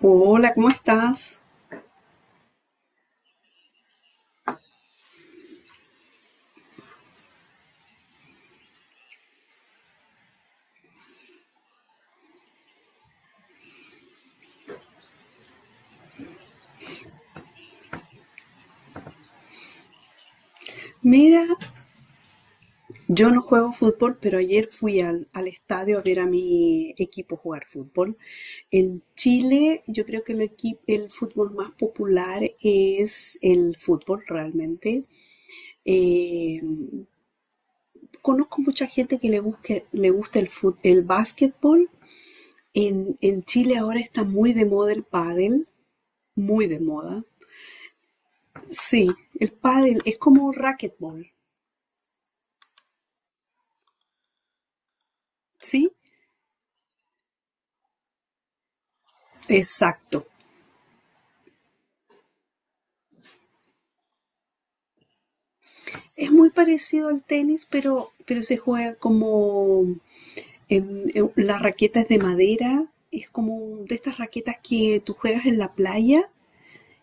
Hola, ¿cómo estás? Mira, yo no juego fútbol, pero ayer fui al estadio a ver a mi equipo jugar fútbol. En Chile, yo creo que el fútbol más popular es el fútbol realmente. Eh, Conozco mucha gente que le gusta el básquetbol. En Chile ahora está muy de moda el pádel, muy de moda. Sí, el pádel es como racquetball, ¿sí? Exacto. Es muy parecido al tenis, pero se juega como la raqueta es de madera, es como de estas raquetas que tú juegas en la playa,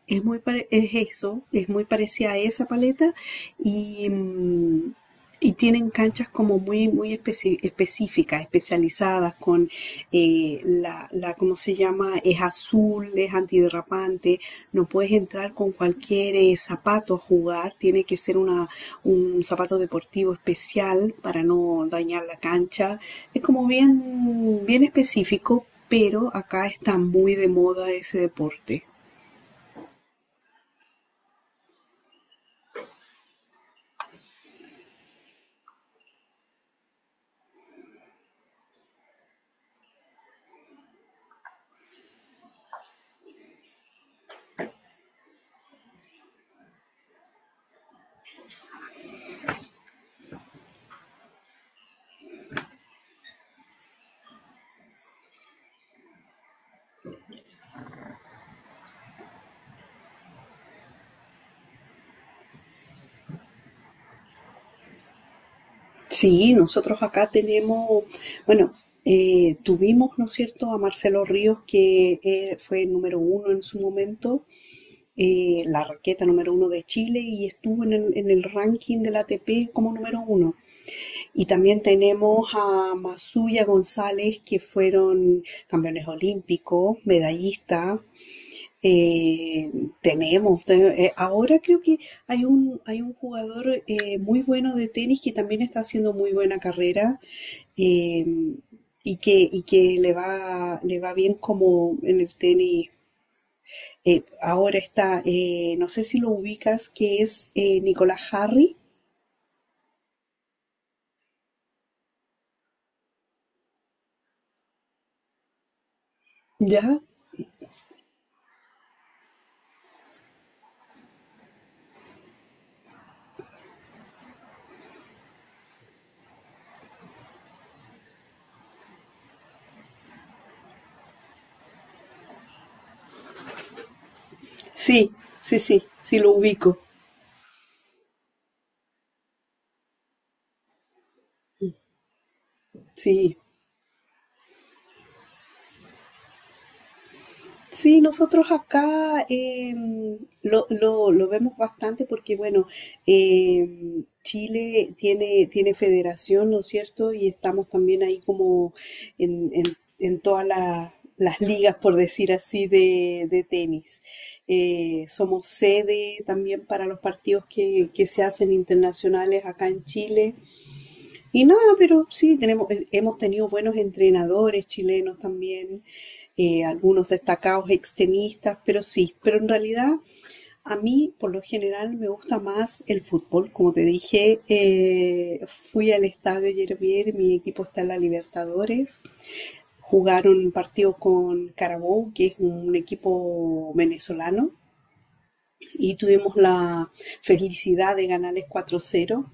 es es eso, es muy parecida a esa paleta y, y tienen canchas como muy, específicas, especializadas con ¿cómo se llama? Es azul, es antiderrapante, no puedes entrar con cualquier zapato a jugar, tiene que ser una, un zapato deportivo especial para no dañar la cancha. Es como bien, bien específico, pero acá está muy de moda ese deporte. Sí, nosotros acá tenemos, bueno, tuvimos, ¿no es cierto?, a Marcelo Ríos, que fue el número uno en su momento, la raqueta número uno de Chile y estuvo en el ranking del ATP como número uno. Y también tenemos a Masuya González, que fueron campeones olímpicos, medallistas, eh, ahora creo que hay un jugador muy bueno de tenis que también está haciendo muy buena carrera, eh, y que le va bien como en el tenis. No sé si lo ubicas, que es Nicolás Harry. ¿Ya? Sí, sí, sí lo ubico. Sí. Sí, nosotros acá lo vemos bastante porque, bueno, Chile tiene federación, ¿no es cierto? Y estamos también ahí como en todas las ligas, por decir así, de tenis. Somos sede también para los partidos que se hacen internacionales acá en Chile. Y nada, pero sí, tenemos, hemos tenido buenos entrenadores chilenos también, algunos destacados extremistas, pero sí, pero en realidad a mí por lo general me gusta más el fútbol. Como te dije, fui al estadio ayer bien, mi equipo está en la Libertadores, jugaron un partido con Carabobo que es un equipo venezolano, y tuvimos la felicidad de ganarles cuatro cero.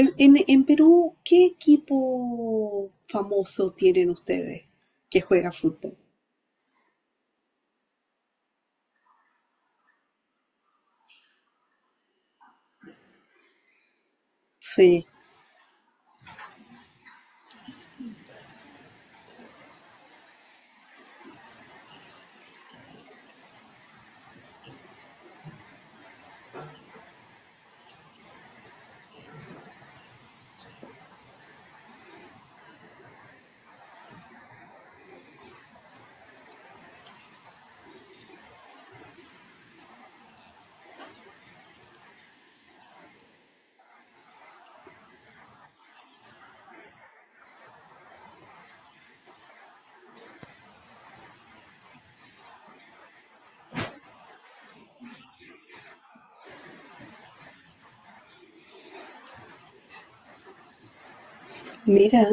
En Perú, ¿qué equipo famoso tienen ustedes que juega fútbol? Sí, mira.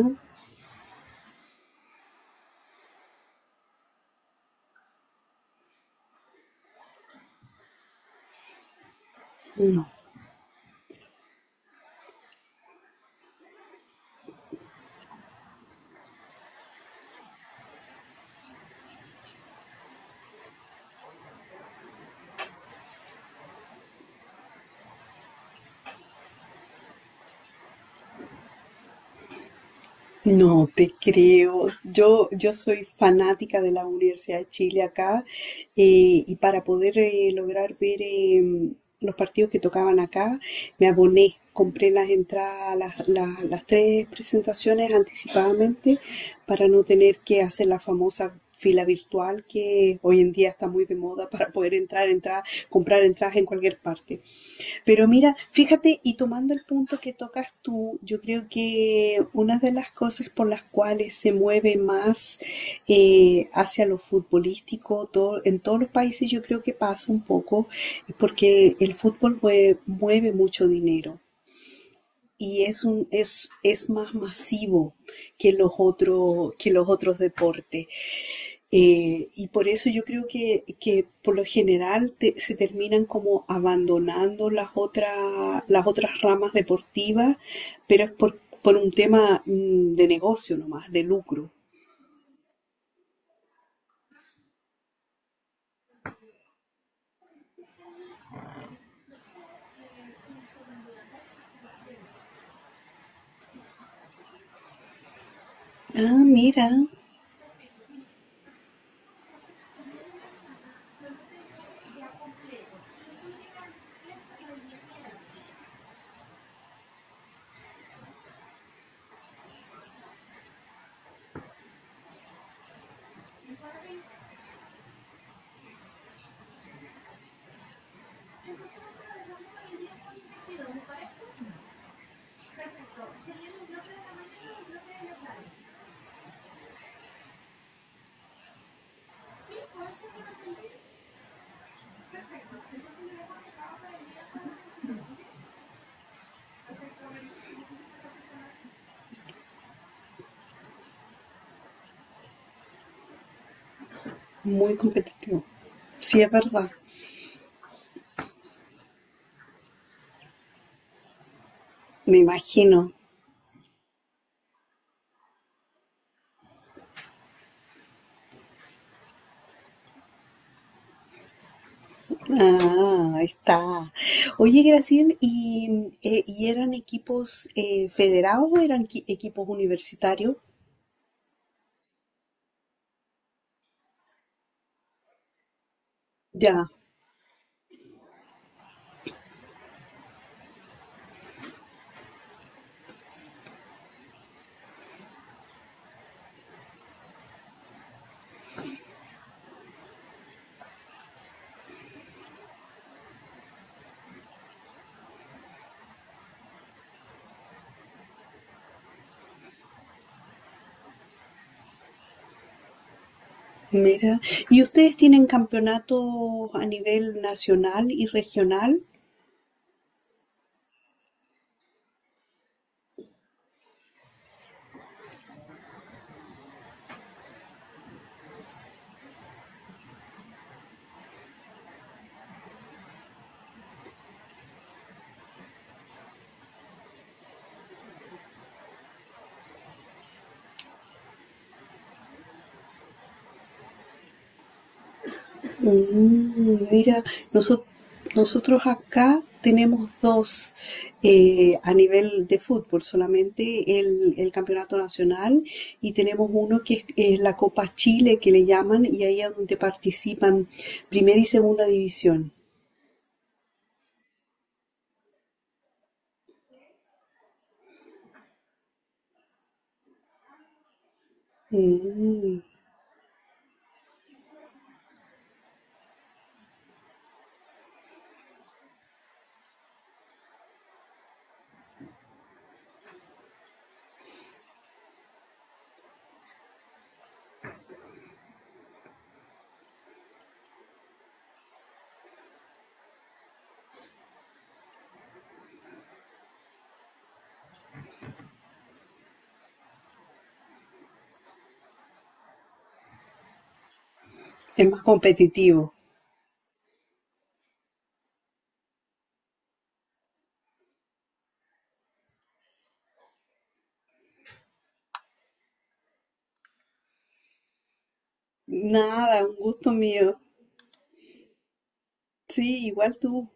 Mm. No te creo. Yo soy fanática de la Universidad de Chile acá, y para poder lograr ver los partidos que tocaban acá, me aboné, compré las entradas, las tres presentaciones anticipadamente para no tener que hacer la famosa fila virtual que hoy en día está muy de moda para poder entrar, comprar entradas en cualquier parte. Pero mira, fíjate, y tomando el punto que tocas tú, yo creo que una de las cosas por las cuales se mueve más hacia lo futbolístico, todo, en todos los países yo creo que pasa un poco, es porque el fútbol mueve mucho dinero y es un, es más masivo que los otros deportes. Y por eso yo creo que por lo general se terminan como abandonando las otras ramas deportivas, pero es por un tema de negocio nomás, de lucro. Ah, mira, muy competitivo. Sí, es verdad, me imagino. Ah, ahí está. Oye, Graciel, ¿y eran equipos federados o eran equipos universitarios? Ya, mira, ¿y ustedes tienen campeonatos a nivel nacional y regional? Mm, mira, noso- nosotros acá tenemos dos, a nivel de fútbol, solamente el campeonato nacional, y tenemos uno que es la Copa Chile que le llaman y ahí es donde participan primera y segunda división. Mm, es más competitivo. Nada, un gusto mío. Sí, igual tú.